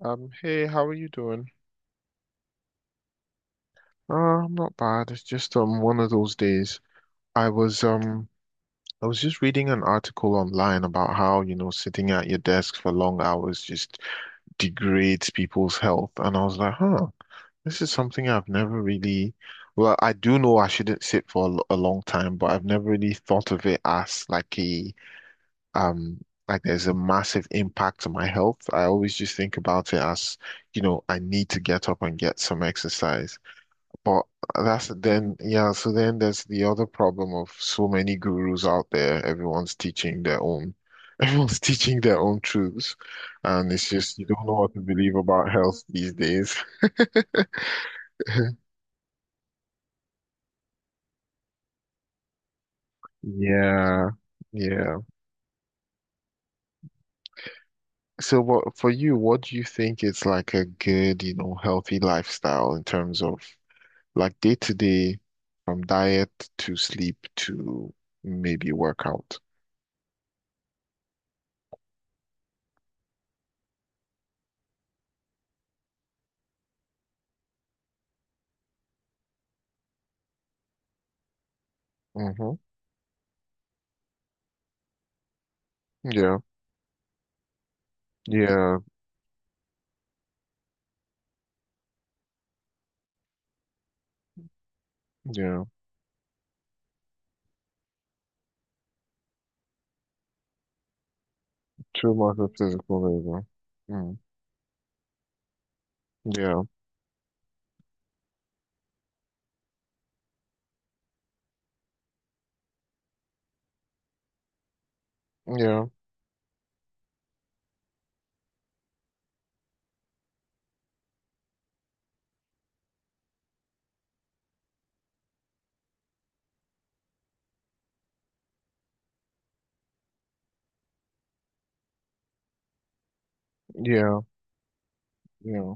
Hey, how are you doing? Uh, I'm not bad. It's just one of those days. I was um I was just reading an article online about how, sitting at your desk for long hours just degrades people's health. And I was like, huh, this is something I've never really, well, I do know I shouldn't sit for a long time, but I've never really thought of it as like a um like there's a massive impact on my health. I always just think about it as, I need to get up and get some exercise. But that's then, yeah, so then there's the other problem of so many gurus out there. Everyone's teaching their own, everyone's teaching their own truths. And it's just, you don't know what to believe about health these days. Yeah. Yeah. So what for you, what do you think is like a good, healthy lifestyle in terms of like day to day, from diet to sleep to maybe workout. Hmm. Yeah, yeah, yeah. Too much of physical labor. Mm. Yeah, yeah, yeah, yeah,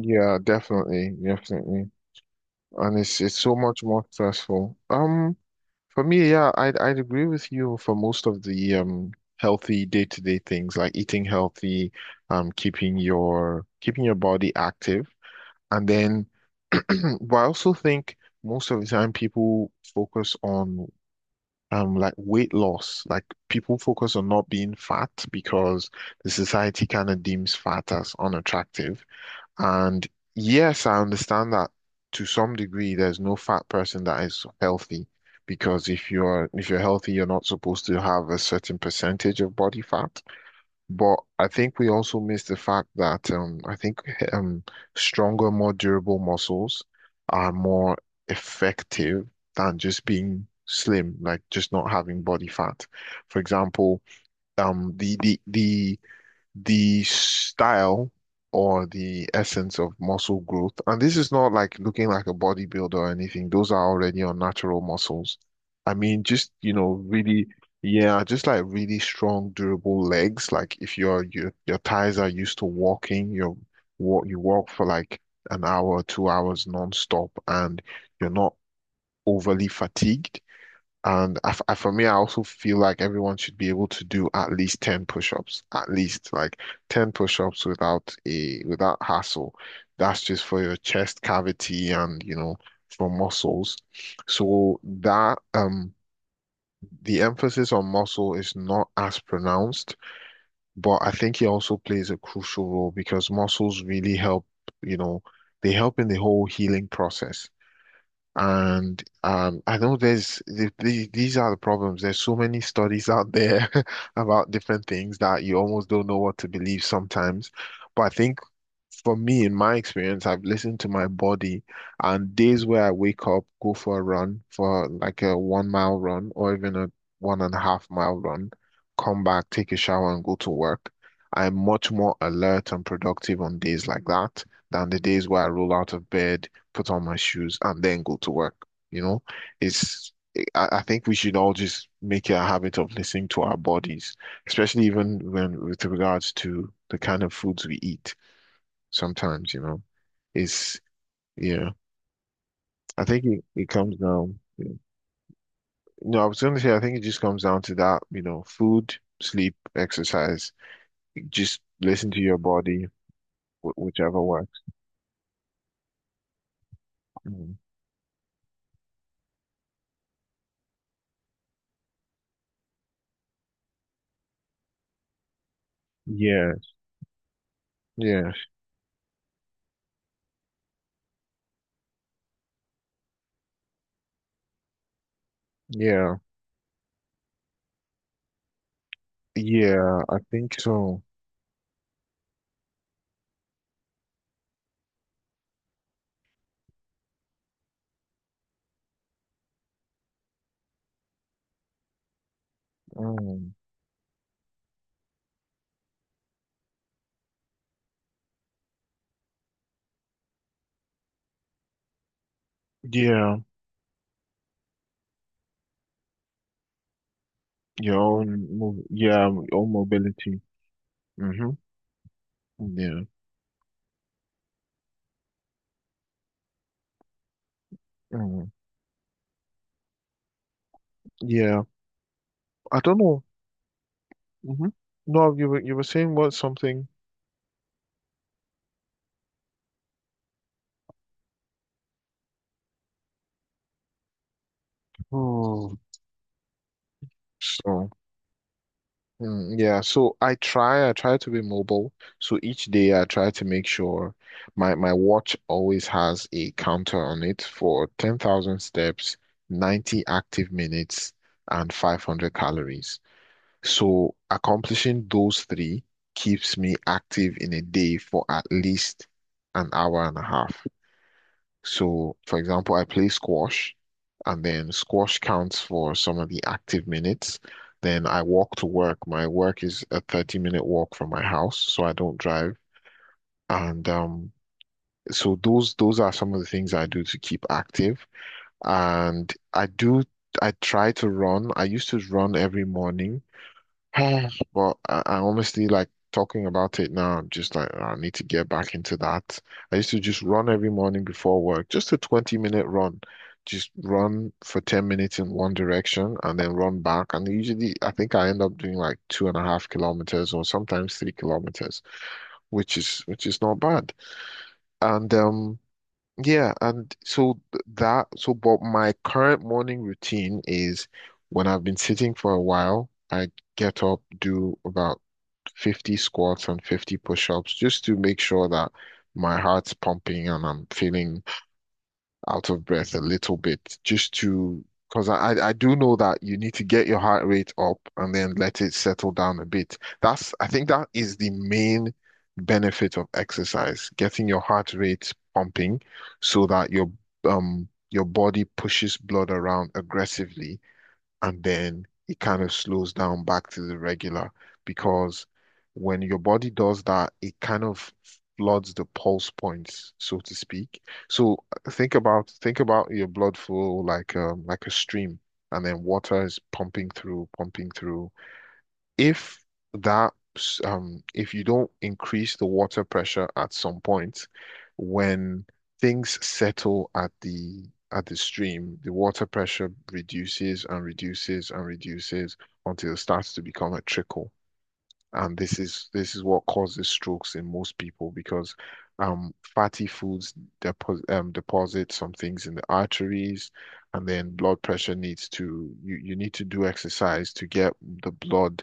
yeah. Definitely, definitely. And it's so much more stressful. For me, yeah, I'd agree with you for most of the healthy day-to-day things like eating healthy, keeping your body active, and then but I also think most of the time people focus on like weight loss, like people focus on not being fat because the society kind of deems fat as unattractive. And yes, I understand that to some degree. There's no fat person that is healthy because if you're healthy, you're not supposed to have a certain percentage of body fat. But I think we also miss the fact that, I think, um, stronger, more durable muscles are more effective than just being slim, like just not having body fat. For example, um, the the the the style or the essence of muscle growth. And this is not like looking like a bodybuilder or anything. Those are already unnatural muscles. I mean, just, really, yeah, just like really strong, durable legs. Like if your thighs are used to walking, you walk for like an hour, 2 hours non-stop, and you're not overly fatigued. And I f I for me, I also feel like everyone should be able to do at least 10 push-ups, at least like 10 push-ups without hassle. That's just for your chest cavity and, for muscles. So that the emphasis on muscle is not as pronounced, but I think it also plays a crucial role because muscles really help, you know, they help in the whole healing process. And I know these are the problems. There's so many studies out there about different things that you almost don't know what to believe sometimes. But I think for me, in my experience, I've listened to my body, and days where I wake up, go for a run, for like a 1 mile run or even a 1.5 mile run, come back, take a shower and go to work, I'm much more alert and productive on days like that than the days where I roll out of bed, put on my shoes, and then go to work. You know, it's, I think we should all just make it a habit of listening to our bodies, especially even when with regards to the kind of foods we eat sometimes. It's yeah. I think it comes down. Yeah. No, I was gonna say I think it just comes down to that, food, sleep, exercise. Just listen to your body, whichever works. Mm. Yeah, yeah, yeah, yeah. I think so. Mm. Yeah, your own move. Yeah, own mobility. Mm-hmm. Yeah. Mm. Yeah. I don't know. Mm-hmm. No, you were saying what something. Oh, so. Yeah, so I try, to be mobile. So each day I try to make sure my watch always has a counter on it for 10,000 steps, 90 active minutes, and 500 calories. So accomplishing those three keeps me active in a day for at least an hour and a half. So, for example, I play squash, and then squash counts for some of the active minutes. Then I walk to work. My work is a 30-minute walk from my house, so I don't drive. And so those are some of the things I do to keep active. And I try to run. I used to run every morning. Oh, but I honestly, like, talking about it now, I'm just like, "Oh, I need to get back into that." I used to just run every morning before work, just a 20-minute run. Just run for 10 minutes in one direction and then run back. And usually, I think I end up doing like 2.5 kilometers or sometimes 3 kilometers, which is not bad. And yeah, and so, but my current morning routine is when I've been sitting for a while, I get up, do about 50 squats and 50 push-ups just to make sure that my heart's pumping and I'm feeling out of breath a little bit, just to because I do know that you need to get your heart rate up and then let it settle down a bit. That's, I think, that is the main benefit of exercise, getting your heart rate pumping so that your body pushes blood around aggressively and then it kind of slows down back to the regular, because when your body does that, it kind of floods the pulse points, so to speak. So, think about your blood flow like a stream, and then water is pumping through, pumping through. If that um if you don't increase the water pressure at some point, when things settle at the stream, the water pressure reduces and reduces and reduces until it starts to become a trickle, and this is what causes strokes in most people because fatty foods deposit, deposit some things in the arteries, and then blood pressure needs to you need to do exercise to get the blood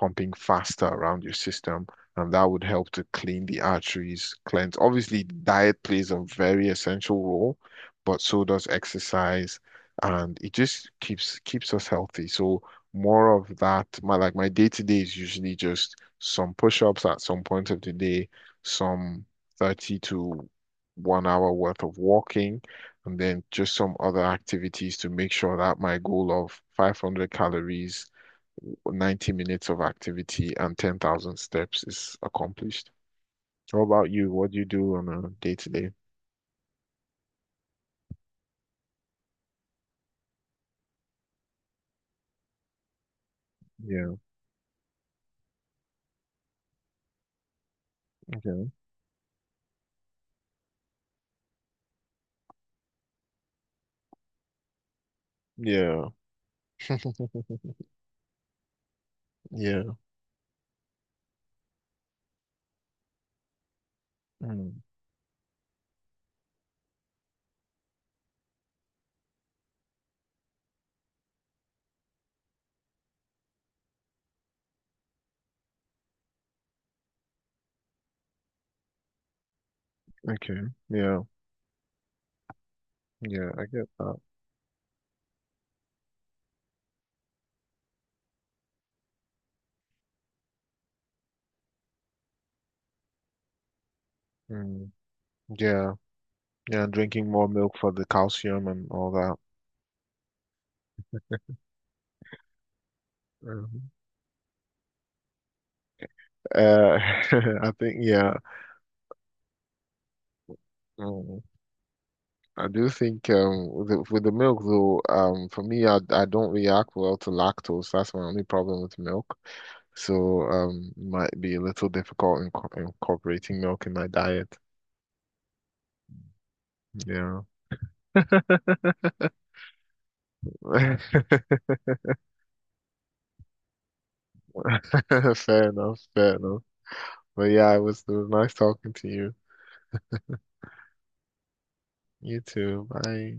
pumping faster around your system, and that would help to clean the arteries, cleanse. Obviously, diet plays a very essential role, but so does exercise, and it just keeps us healthy. So more of that. My, day to day is usually just some push-ups at some point of the day, some 30 to 1 hour worth of walking, and then just some other activities to make sure that my goal of 500 calories, 90 minutes of activity, and 10,000 steps is accomplished. How about you? What do you do on a day to day? Yeah. Okay. Yeah. Yeah. Mm. Okay. Yeah. Yeah. I get that. Mm. Yeah. Yeah. And drinking more milk for the calcium and all that. Mhm. Uh, I think, yeah. Mm. I do think, with the milk though, for me, I don't react well to lactose. That's my only problem with milk. So might be a little difficult incorporating milk in my diet. Yeah. Fair enough, fair enough. But yeah, it was nice talking to you. You too. Bye.